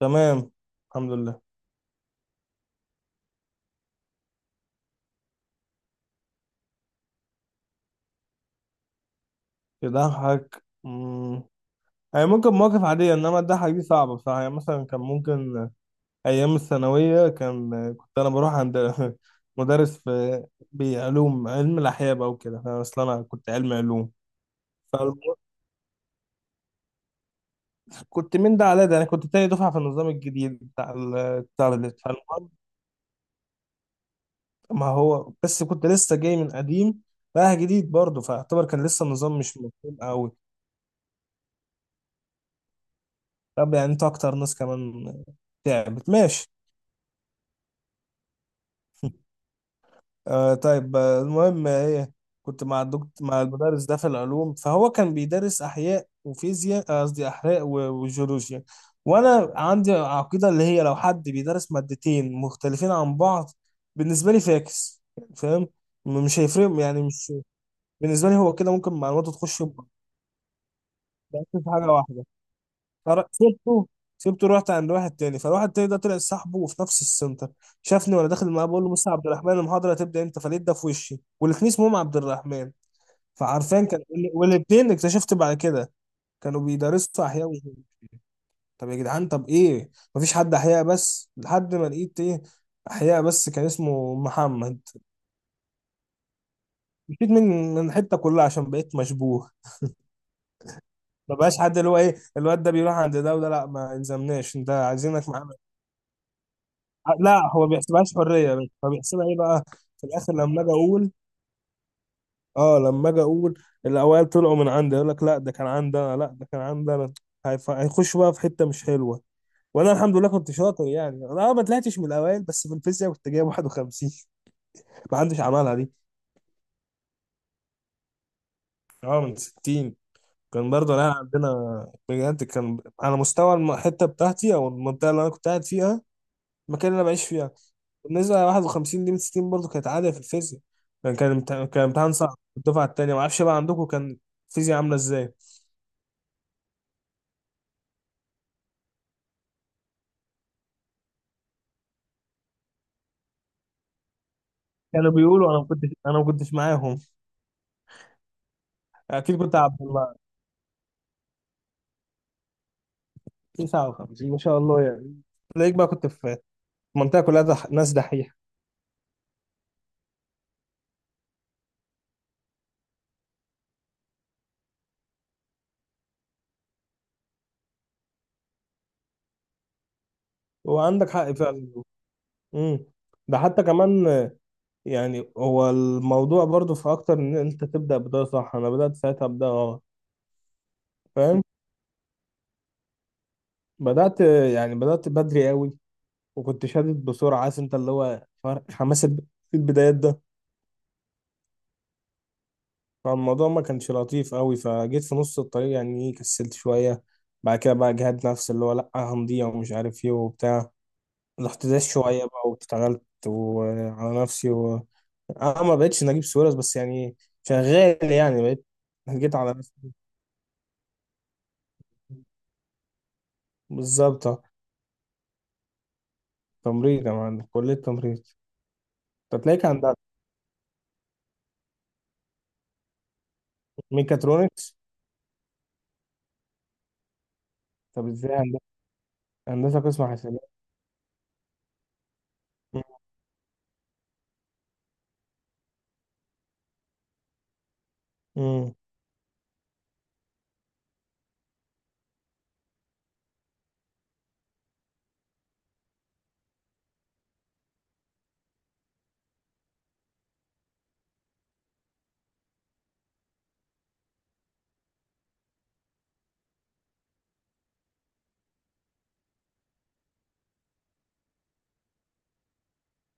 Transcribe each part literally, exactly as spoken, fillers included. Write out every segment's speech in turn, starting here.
تمام. الحمد لله. يضحك مم. يعني ممكن مواقف عادية، إنما الضحك دي صعبة بصراحة. يعني مثلا كان ممكن أيام الثانوية كان كنت أنا بروح عند مدرس في بعلوم علم الأحياء بقى وكده. فأنا أصل أنا كنت علم علوم، فكنت من ده على ده. أنا كنت تاني دفعة في النظام الجديد بتاع ال- بتاع ال- فالمهم، ما هو بس كنت لسه جاي من قديم رايح جديد برضه، فاعتبر كان لسه النظام مش مفهوم قوي. طب يعني أنت أكتر ناس كمان تعبت ماشي. آه طيب، آه، المهم ايه، كنت مع الدكتور مع المدرس ده في العلوم، فهو كان بيدرس احياء وفيزياء، آه، قصدي احياء و- وجيولوجيا. وانا عندي عقيده اللي هي لو حد بيدرس مادتين مختلفين عن بعض بالنسبه لي فاكس، يعني فاهم، م- مش هيفرق يعني مش، بالنسبه لي هو كده ممكن معلوماته تخش في بعض. بس في حاجه واحده. فر- سبته سبته رحت عند واحد تاني، فالواحد التاني ده طلع صاحبه وفي نفس السنتر. شافني وانا داخل معاه بقول له بص يا عبد الرحمن المحاضره هتبدا امتى، فلقيت ده في وشي والاتنين اسمهم عبد الرحمن. فعارفين كان، والاتنين اكتشفت بعد كده كانوا بيدرسوا احياء وعلوم. طب يا جدعان، طب ايه، مفيش حد احياء بس، لحد ما لقيت ايه، احياء بس كان اسمه محمد. مشيت من من حته كلها عشان بقيت مشبوه. ما بقاش حد، اللي هو ايه الواد ده بيروح عند ده وده، لا ما يلزمناش انت عايزينك معانا. لا هو ما بيحسبهاش حريه، بس هو بيحسبها ايه بقى. في الاخر لما اجي اقول، اه لما اجي اقول الاوائل طلعوا من عندي يقول لك لا ده كان عندنا لا ده كان عندنا. هيف- هيخش بقى في حته مش حلوه. وانا الحمد لله كنت شاطر يعني، انا اه ما طلعتش من الاوائل، بس في الفيزياء كنت جايب واحد وخمسين. ما حدش عملها دي. اه من ستين. كان برضه انا عندنا بجد كان على مستوى الحته بتاعتي او المنطقه اللي انا كنت قاعد فيها، المكان اللي انا بعيش فيها. بالنسبة ل واحد وخمسين دي من ستين برضه كانت عادة في الفيزياء. يعني كان امتحان كان امتحان صعب. الدفعة التانية معرفش بقى عندكم كان الفيزياء عاملة ازاي. كانوا بيقولوا، انا ما كنتش انا ما كنتش معاهم. اكيد كنت عبد الله. تسعة وخمسين ما شاء الله يعني. تلاقيك بقى كنت في منطقة كلها دح... ناس دحيحة. وعندك حق فعلا. امم. ده حتى كمان، يعني هو الموضوع برضه في اكتر ان انت تبدأ بداية صح، انا بدأت ساعتها بداية غلط، فاهم. بدأت، يعني بدأت بدري قوي، وكنت شادد بسرعة، عارف انت اللي هو فرق حماس الب- في البدايات ده. فالموضوع ما كانش لطيف قوي، فجيت في نص الطريق يعني إيه، كسلت شوية. بعد كده بقى جهاد نفسي اللي هو لأ هنضيع ومش عارف ايه وبتاع. رحت داس شوية بقى واشتغلت وعلى نفسي و... انا ما بقتش نجيب سويرس بس يعني شغال يعني بقيت. جيت على نفسي. بالظبط اه. تمريض يا معلم، كلية تمريض. طب تلاقيك عند ميكاترونكس. طب ازاي هند- هندسة قسم حسابات.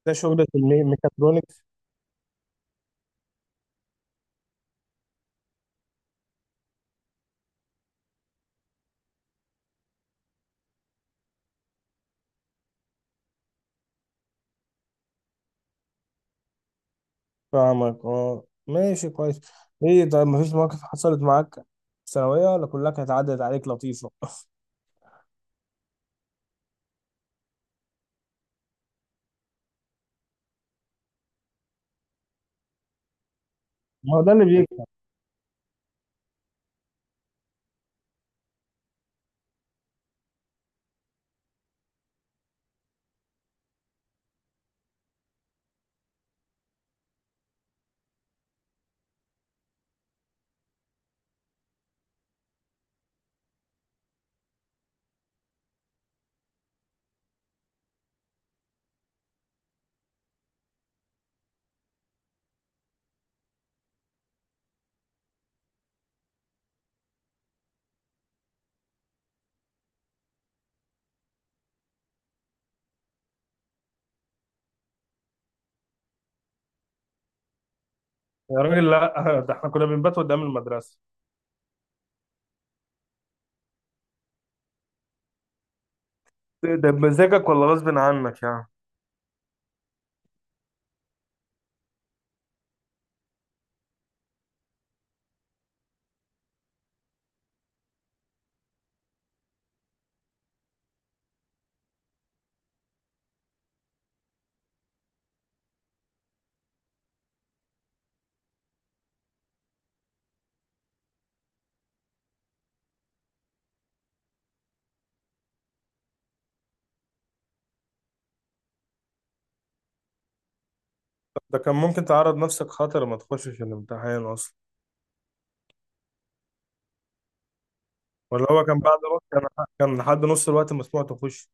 ده شغل في المي- ميكاترونكس. فاهمك اه، ماشي كويس. ايه طيب، مفيش مواقف حصلت معاك في ثانوية ولا كلها كانت عدت عليك لطيفة؟ ما هو ده اللي بيكفي. يا راجل لا، ده احنا كنا بنبات قدام المدرسة. ده بمزاجك ولا غصب عنك يعني. ده كان ممكن تعرض نفسك خطر، ما تخشش الامتحان اصلا. ولا هو كان بعد وقت، كان كان لحد نص الوقت مسموح تخش.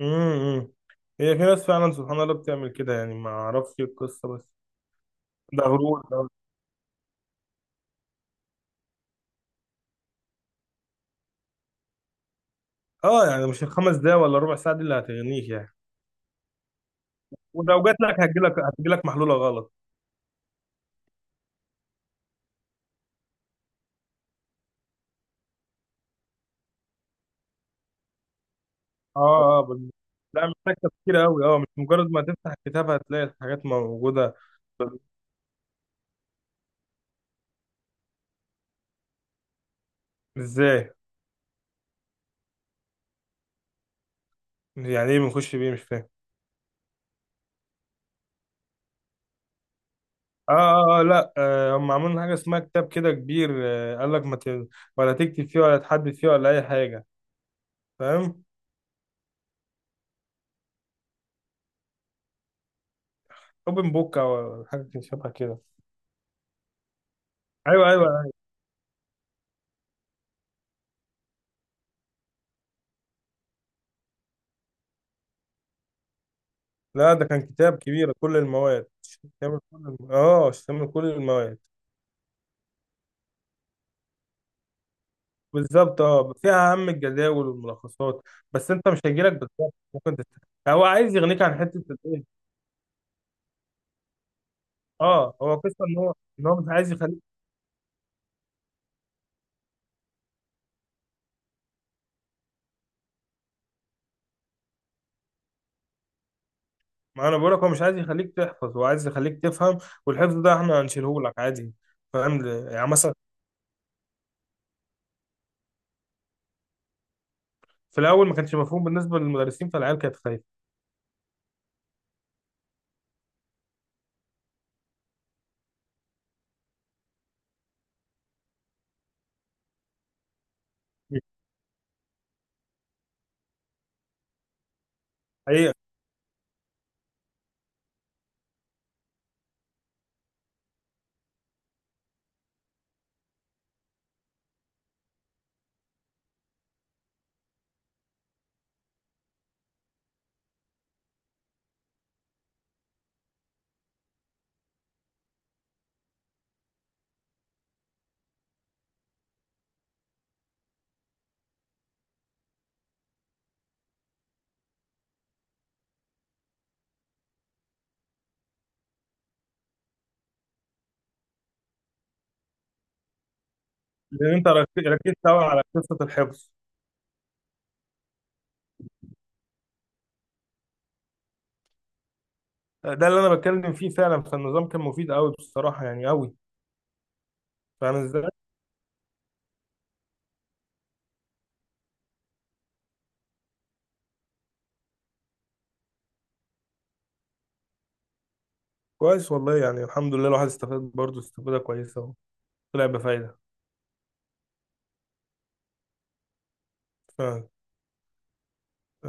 امم. هي في ناس فعلا سبحان الله بتعمل كده يعني ما اعرفش القصة، بس ده غرور ده. اه يعني مش الخمس دقايق ولا ربع ساعة دي اللي هتغنيك يعني. ولو جات لك، هتجي لك هتجي لك محلوله غلط. اه اه بال- لا محتاج تفكير قوي، اه مش مجرد ما تفتح الكتاب هتلاقي الحاجات موجوده. طب ازاي، يعني ايه بنخش بيه مش فاهم. اه اه اه لا آه هم عاملين حاجه اسمها كتاب كده كبير، آه قال لك ما ت... ولا تكتب فيه ولا تحدد فيه ولا اي حاجه. فاهم، اوبن بوك او حاجه شبه كده. ايوه ايوه. لا ده كان كتاب كبير كل المواد، شامل كل الم... اه شامل كل المواد. بالظبط اه، فيها اهم الجداول والملخصات. بس انت مش هيجيلك بالظبط، ممكن تست... هو عايز يغنيك عن حته الايه. اه هو قصه ان هو، ان هو مش عايز يخليك. ما انا بقول لك هو مش عايز يخليك تحفظ، هو عايز يخليك تفهم. والحفظ ده احنا هنشيله لك عادي. فاهم يعني مثلا. في الاول ما كانش مفهوم بالنسبه للمدرسين، فالعيال كانت خايفه. حقيقه. لان انت ركز- ركزت قوي على قصه الحفظ. ده اللي انا بتكلم فيه فعلا، فالنظام كان مفيد قوي بصراحه يعني قوي. فاهم ازاي. كويس والله، يعني الحمد لله الواحد استفاد برضه استفاده كويسه. طلع بفايدة. ف...